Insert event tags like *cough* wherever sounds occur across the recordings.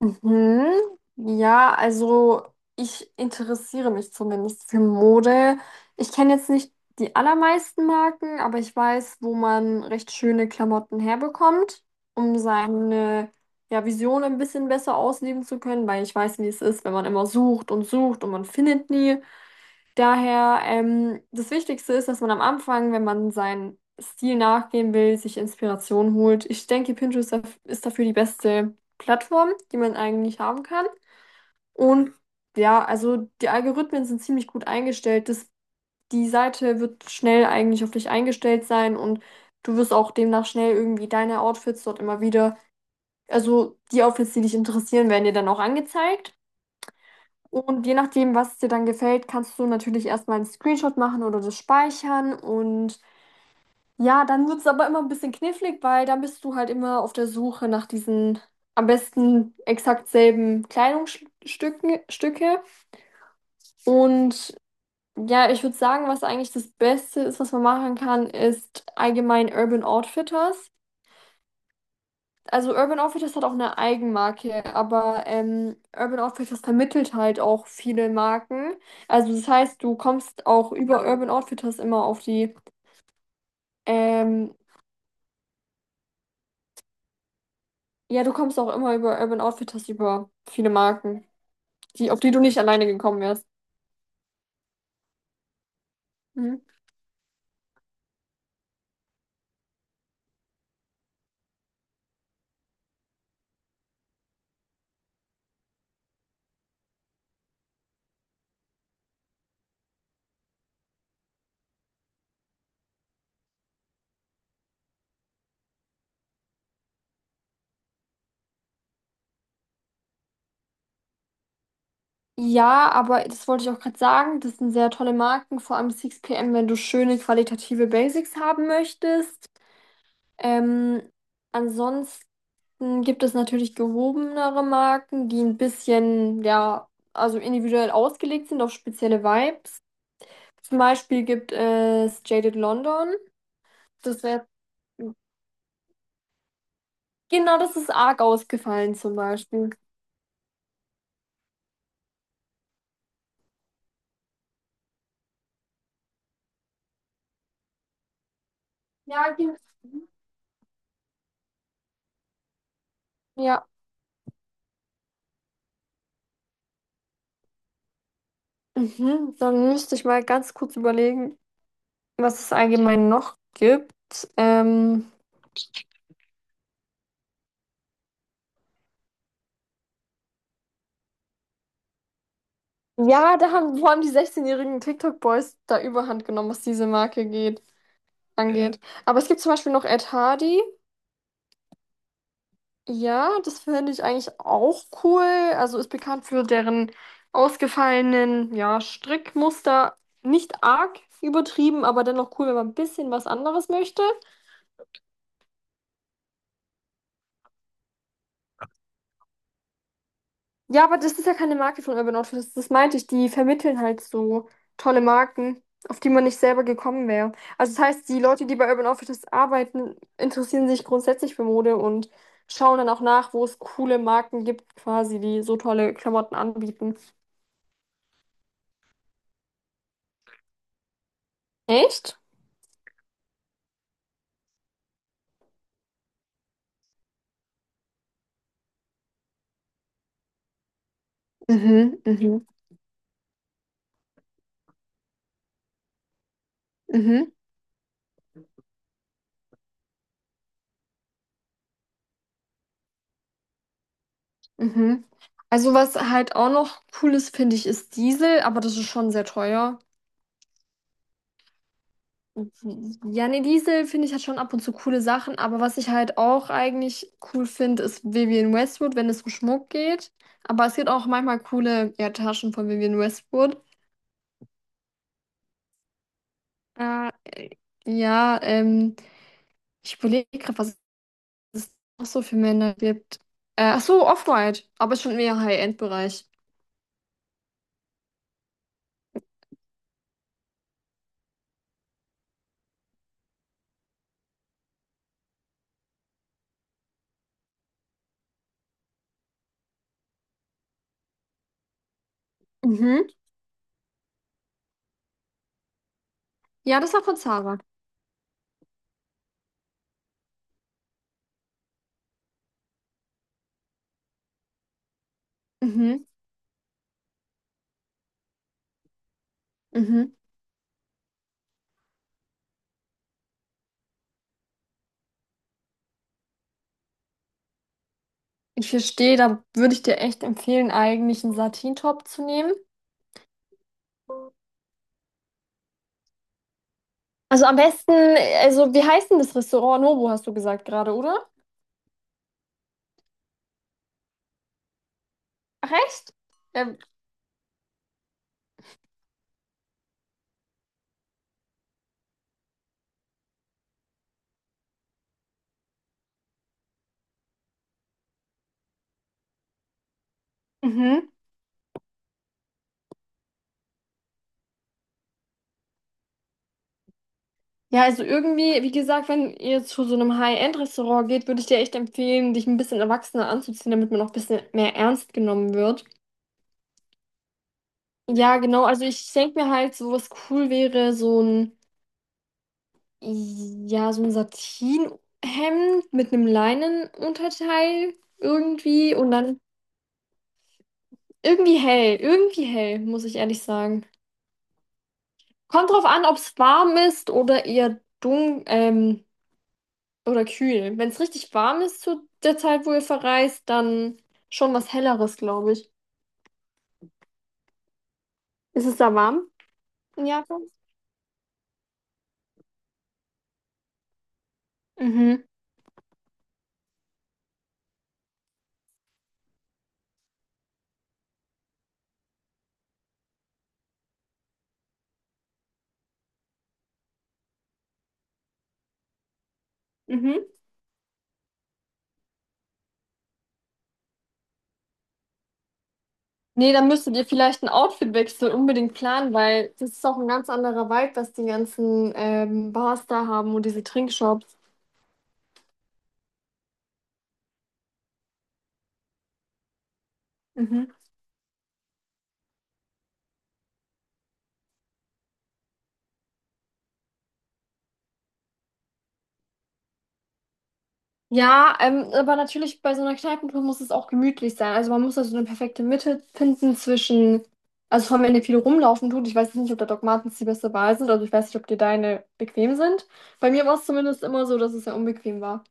Mhm. Ja, also ich interessiere mich zumindest für Mode. Ich kenne jetzt nicht die allermeisten Marken, aber ich weiß, wo man recht schöne Klamotten herbekommt, um seine ja, Vision ein bisschen besser ausleben zu können, weil ich weiß, wie es ist, wenn man immer sucht und sucht und man findet nie. Daher, das Wichtigste ist, dass man am Anfang, wenn man seinen Stil nachgehen will, sich Inspiration holt. Ich denke, ist dafür die beste Plattform, die man eigentlich haben kann. Und ja, also die Algorithmen sind ziemlich gut eingestellt. Das, die Seite wird schnell eigentlich auf dich eingestellt sein, und du wirst auch demnach schnell irgendwie deine Outfits dort immer wieder, also die Outfits, die dich interessieren, werden dir dann auch angezeigt. Und je nachdem, was dir dann gefällt, kannst du natürlich erstmal einen Screenshot machen oder das speichern. Und ja, dann wird es aber immer ein bisschen knifflig, weil dann bist du halt immer auf der Suche nach diesen am besten exakt selben Kleidungsstücken Stücke. Und ja, ich würde sagen, was eigentlich das Beste ist, was man machen kann, ist allgemein Urban Outfitters. Also Urban Outfitters hat auch eine Eigenmarke, aber Urban Outfitters vermittelt halt auch viele Marken. Also das heißt, du kommst auch über Urban Outfitters immer auf die, ähm, ja, du kommst auch immer über Urban Outfitters über viele Marken, die, auf die du nicht alleine gekommen wärst. Mhm. Ja, aber das wollte ich auch gerade sagen, das sind sehr tolle Marken, vor allem 6PM, wenn du schöne qualitative Basics haben möchtest. Ähm, ansonsten dann gibt es natürlich gehobenere Marken, die ein bisschen, ja, also individuell ausgelegt sind auf spezielle Vibes. Zum Beispiel gibt es Jaded London. Das wäre, genau, das ist arg ausgefallen zum Beispiel. Ja, gen- ja. Mhm. Dann müsste ich mal ganz kurz überlegen, was es allgemein noch gibt. Ähm, ja, da haben, wo haben die 16-jährigen TikTok-Boys da Überhand genommen, was diese Marke geht, angeht. Aber es gibt zum Beispiel noch Ed Hardy. Ja, das finde ich eigentlich auch cool. Also ist bekannt für deren ausgefallenen, ja, Strickmuster. Nicht arg übertrieben, aber dennoch cool, wenn man ein bisschen was anderes möchte. Ja, aber das ist ja keine Marke von Urban Outfitters. Das meinte ich. Die vermitteln halt so tolle Marken, auf die man nicht selber gekommen wäre. Also das heißt, die Leute, die bei Urban Outfitters arbeiten, interessieren sich grundsätzlich für Mode und schauen dann auch nach, wo es coole Marken gibt, quasi, die so tolle Klamotten anbieten. Echt? Mhm, mhm. Mhm, mhm. Also was halt auch noch cool ist, finde ich, ist Diesel, aber das ist schon sehr teuer. Ja, nee, Diesel finde ich hat schon ab und zu coole Sachen, aber was ich halt auch eigentlich cool finde, ist Vivienne Westwood, wenn es um Schmuck geht. Aber es gibt auch manchmal coole, ja, Taschen von Vivienne Westwood. Äh, ja, ich überlege gerade, was es noch so für Männer gibt. Ach so, Off-White, aber schon mehr High-End-Bereich. Mhm. Ja, das war von Zara. Mhm, mhm. Ich verstehe, da würde ich dir echt empfehlen, eigentlich einen Satin-Top zu nehmen. Also am besten, also wie heißt denn das Restaurant? Nobu hast du gesagt gerade, oder? Ach, echt? Ähm, mhm. Ja, also irgendwie, wie gesagt, wenn ihr zu so einem High-End-Restaurant geht, würde ich dir echt empfehlen, dich ein bisschen erwachsener anzuziehen, damit man auch ein bisschen mehr ernst genommen wird. Ja, genau, also ich denke mir halt, so was cool wäre, so ein, ja, so ein Satinhemd mit einem Leinenunterteil irgendwie und dann irgendwie hell, irgendwie hell, muss ich ehrlich sagen. Kommt drauf an, ob es warm ist oder eher dunkel, oder kühl. Wenn es richtig warm ist zu der Zeit, wo ihr verreist, dann schon was Helleres, glaube ich. Ist es da warm in Japan? Mhm. Mhm. Nee, dann müsstet ihr vielleicht einen Outfitwechsel unbedingt planen, weil das ist auch ein ganz anderer Vibe, was die ganzen Bars da haben und diese Trinkshops. Mhm. Ja, aber natürlich bei so einer Kneipentour muss es auch gemütlich sein. Also man muss da so eine perfekte Mitte finden zwischen, also vor allem, wenn ihr viel rumlaufen tut. Ich weiß jetzt nicht, ob da Doc Martens die beste Wahl sind. Also ich weiß nicht, ob dir deine bequem sind. Bei mir war es zumindest immer so, dass es sehr unbequem war.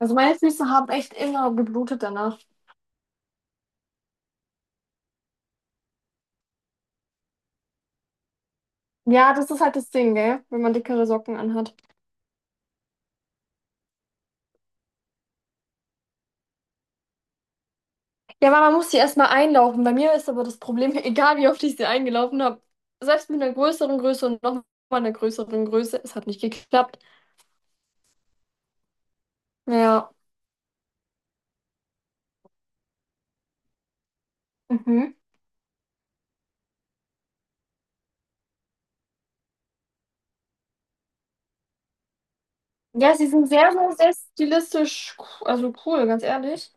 Also meine Füße haben echt immer geblutet danach. Ja, das ist halt das Ding, gell? Wenn man dickere Socken anhat. Ja, aber man muss sie erstmal einlaufen. Bei mir ist aber das Problem, *laughs* egal wie oft ich sie eingelaufen habe, selbst mit einer größeren Größe und nochmal einer größeren Größe, es hat nicht geklappt. Ja. Mhm. Ja, sie sind sehr, sehr, sehr stilistisch, also cool, ganz ehrlich.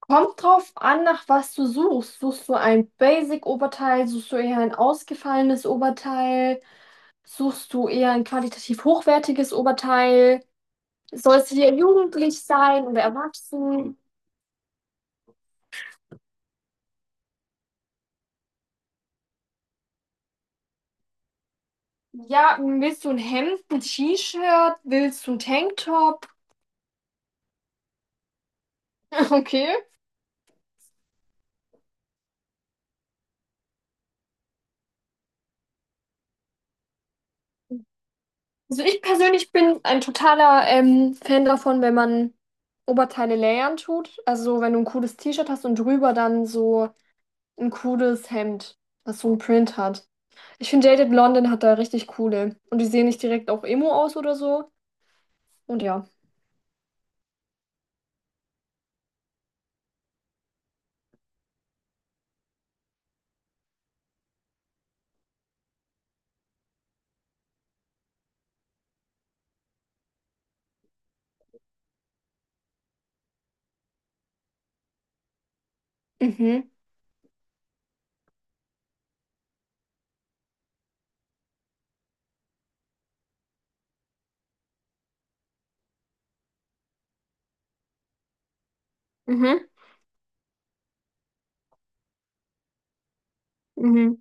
Kommt drauf an, nach was du suchst. Suchst du ein Basic-Oberteil, suchst du eher ein ausgefallenes Oberteil, suchst du eher ein qualitativ hochwertiges Oberteil? Soll es hier jugendlich sein oder erwachsen? Ja, willst du ein Hemd, ein T-Shirt? Willst du ein Tanktop? *laughs* Okay. Also ich persönlich bin ein totaler Fan davon, wenn man Oberteile layern tut. Also wenn du ein cooles T-Shirt hast und drüber dann so ein cooles Hemd, das so einen Print hat. Ich finde Jaded Blondin hat da richtig coole. Und die sehen nicht direkt auch Emo aus oder so. Und ja. Mhm. Mhm. Mhm.